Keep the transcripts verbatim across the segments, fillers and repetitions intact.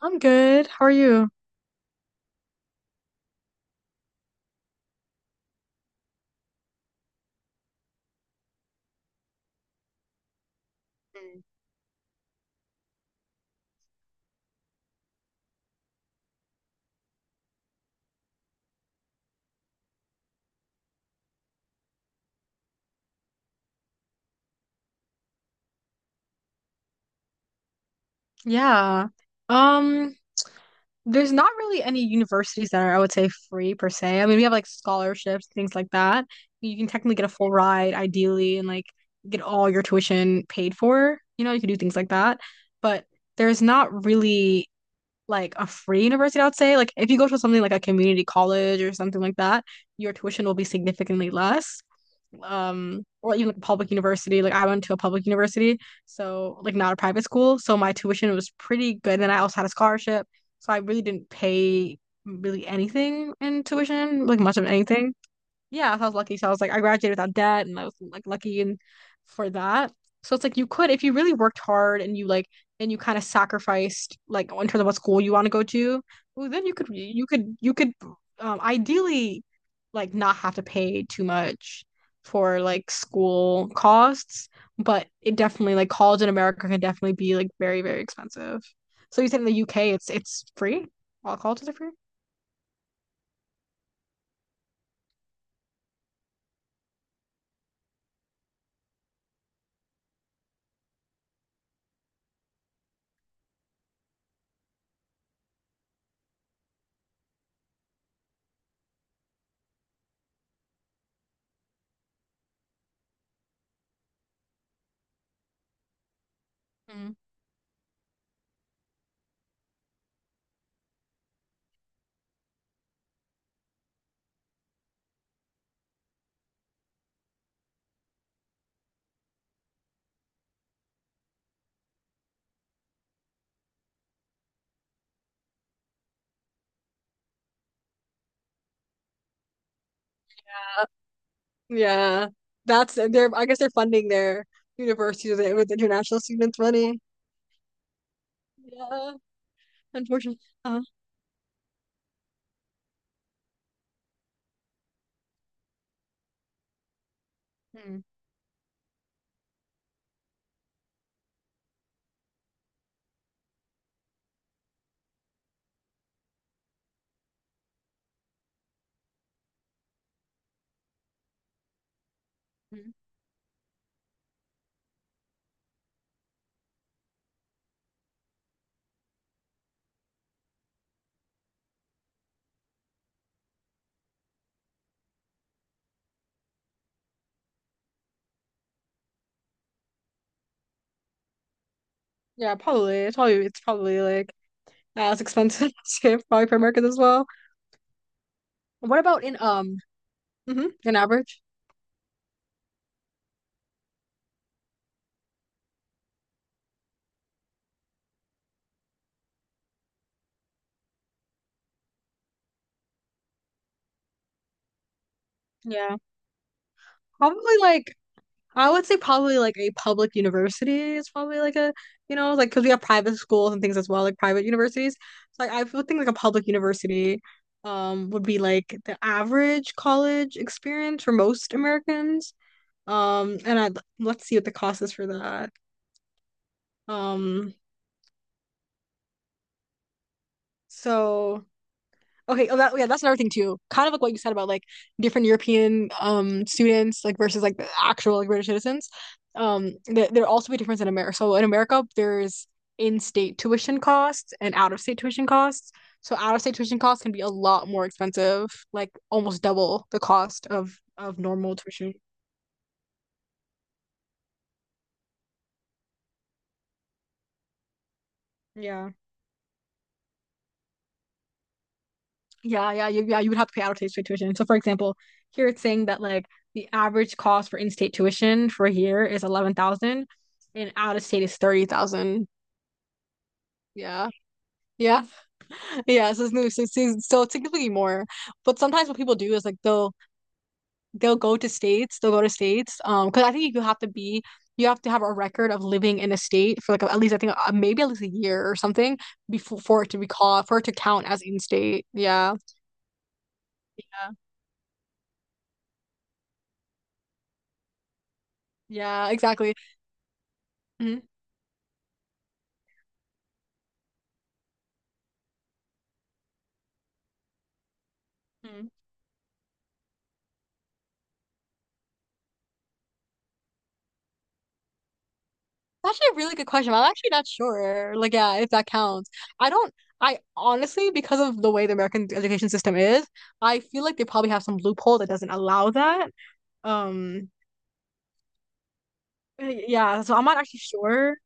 I'm good. How are you? Mm. Yeah. Um, there's not really any universities that are, I would say, free per se. I mean, we have like scholarships, things like that. You can technically get a full ride, ideally, and like get all your tuition paid for. You know, you can do things like that. But there's not really like a free university, I would say. Like if you go to something like a community college or something like that, your tuition will be significantly less. Um or even like a public university. Like I went to a public university, so like not a private school. So my tuition was pretty good. And then I also had a scholarship. So I really didn't pay really anything in tuition, like much of anything. Yeah, I was lucky. So I was like, I graduated without debt and I was like lucky and for that. So it's like you could, if you really worked hard and you like and you kind of sacrificed like in terms of what school you want to go to, well, then you could you could you could um ideally like not have to pay too much for like school costs, but it definitely like college in America can definitely be like very, very expensive. So you said in the U K it's it's free? All colleges are free? Yeah, that's they're I guess they're funding their universities with, with international students' money. Yeah, unfortunately. Uh, hmm. Hmm. Yeah, probably. It's probably it's probably like as expensive as probably for Americans as well. What about in um mm-hmm, in average? Yeah, probably like I would say probably like a public university is probably like a, you know, like because we have private schools and things as well, like private universities. So like I would think like a public university um would be like the average college experience for most Americans. Um and I Let's see what the cost is for that. Um so Okay, oh that yeah, that's another thing too. Kind of like what you said about like different European um students like versus like the actual like British citizens. Um th There also be difference in America. So in America there's in-state tuition costs and out-of-state tuition costs. So out-of-state tuition costs can be a lot more expensive, like almost double the cost of of normal tuition. Yeah. Yeah, yeah, you, yeah. You would have to pay out of state tuition. So, for example, here it's saying that like the average cost for in-state tuition for here is eleven thousand, and out of state is thirty thousand. Yeah, yeah, yeah. So it's new. So, so, so it's significantly more. But sometimes what people do is like they'll they'll go to states. They'll go to states. Um, because I think you have to be you have to have a record of living in a state for like at least I think uh, maybe at least a year or something before for it to be called for it to count as in-state. Yeah, yeah, yeah. Exactly. Mhm. That's actually a really good question. I'm actually not sure. Like, yeah, if that counts. I don't, I honestly, because of the way the American education system is, I feel like they probably have some loophole that doesn't allow that. Um, yeah, so I'm not actually sure.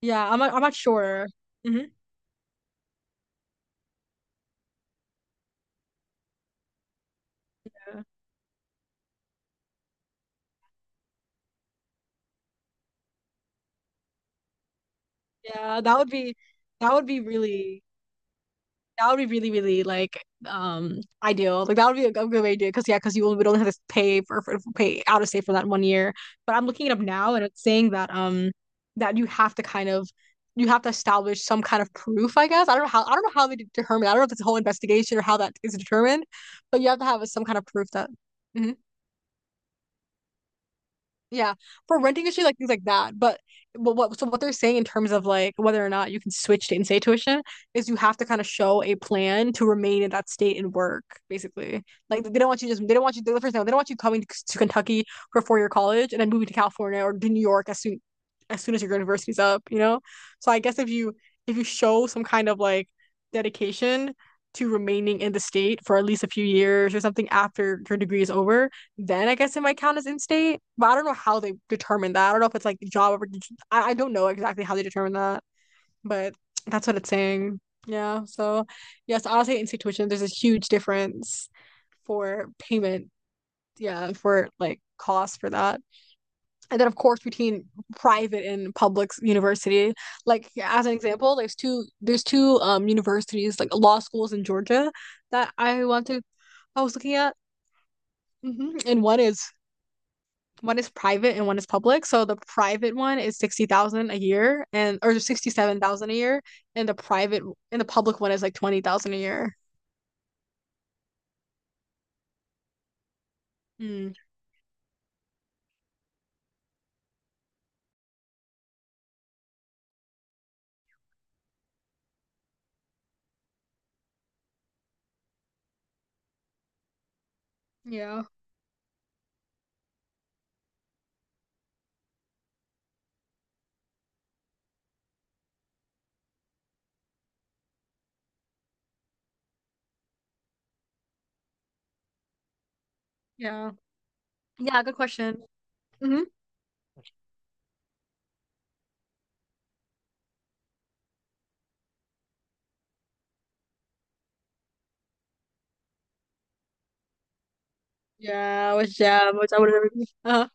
Yeah, I'm not, I'm not sure. Hmm. Yeah, that would be, that would be really That would be really, really like um ideal. Like that would be a good way to do it because yeah, because you would only have to pay for, for pay out of state for that one year. But I'm looking it up now and it's saying that um that you have to kind of you have to establish some kind of proof, I guess. I don't know how I don't know how they determine. I don't know if it's a whole investigation or how that is determined, but you have to have some kind of proof that. Mhm. Yeah, for renting issue, like things like that. But, but what so what they're saying in terms of like whether or not you can switch to in-state tuition is you have to kind of show a plan to remain in that state and work, basically. Like they don't want you just they don't want you the first thing they don't want you coming to, to Kentucky for four-year college and then moving to California or to New York as soon as soon as your university's up, you know? So I guess if you if you show some kind of like dedication to remaining in the state for at least a few years or something after your degree is over then I guess it might count as in state. But I don't know how they determine that. I don't know if it's like job or I, I don't know exactly how they determine that, but that's what it's saying. Yeah. So yes, I'll say in state tuition, there's a huge difference for payment. Yeah, for like cost for that. And then of course between private and public university. Like as an example, there's two there's two um universities, like law schools in Georgia that I want to I was looking at. Mm-hmm. And one is one is private and one is public. So the private one is sixty thousand a year and or sixty seven thousand a year, and the private and the public one is like twenty thousand a year. Mm. Yeah, yeah, yeah. Good question. Mm-hmm. Yeah, which yeah, which I would never be. Uh-huh.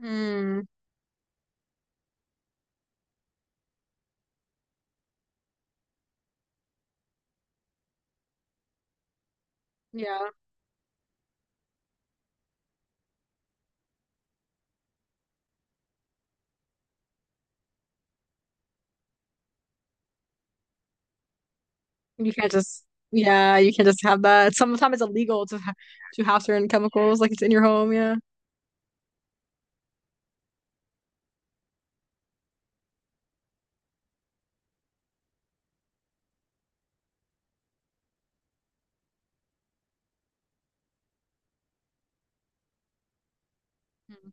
Mm. Yeah, you can't just yeah, you can't just have that. Sometimes it's illegal to ha to have certain chemicals like it's in your home. Yeah. Mm.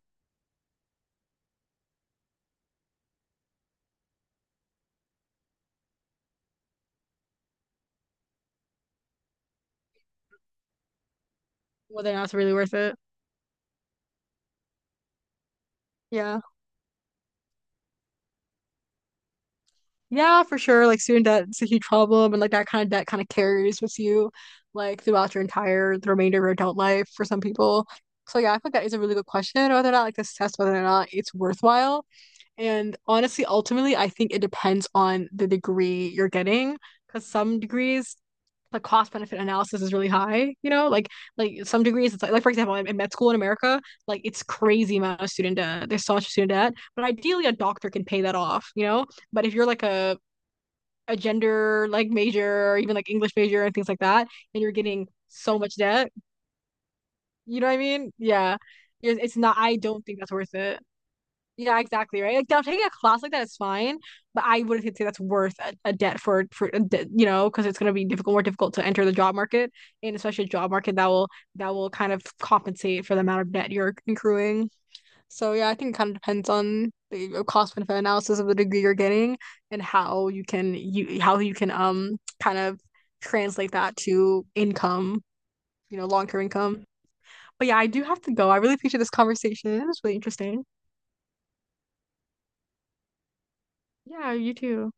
Whether or not it's really worth it. Yeah. Yeah, for sure. Like student debt is a huge problem, and like that kind of debt kind of carries with you, like throughout your entire the remainder of your adult life for some people. So yeah, I think that is a really good question whether or not like to assess whether or not it's worthwhile. And honestly, ultimately, I think it depends on the degree you're getting, because some degrees the cost benefit analysis is really high. You know, like like some degrees it's like, like for example, in, in med school in America, like it's crazy amount of student debt. There's so much student debt, but ideally a doctor can pay that off. You know, but if you're like a a gender like major or even like English major and things like that, and you're getting so much debt. You know what I mean? Yeah. It's it's not, I don't think that's worth it. Yeah, exactly, right? Like now taking a class like that is fine, but I wouldn't say that's worth a, a debt for for a de you know, because it's gonna be difficult, more difficult to enter the job market, and especially a job market that will that will kind of compensate for the amount of debt you're accruing. So yeah, I think it kind of depends on the uh, cost benefit analysis of the degree you're getting and how you can you how you can um kind of translate that to income, you know, long-term income. But yeah, I do have to go. I really appreciate this conversation. It was really interesting. Yeah, you too.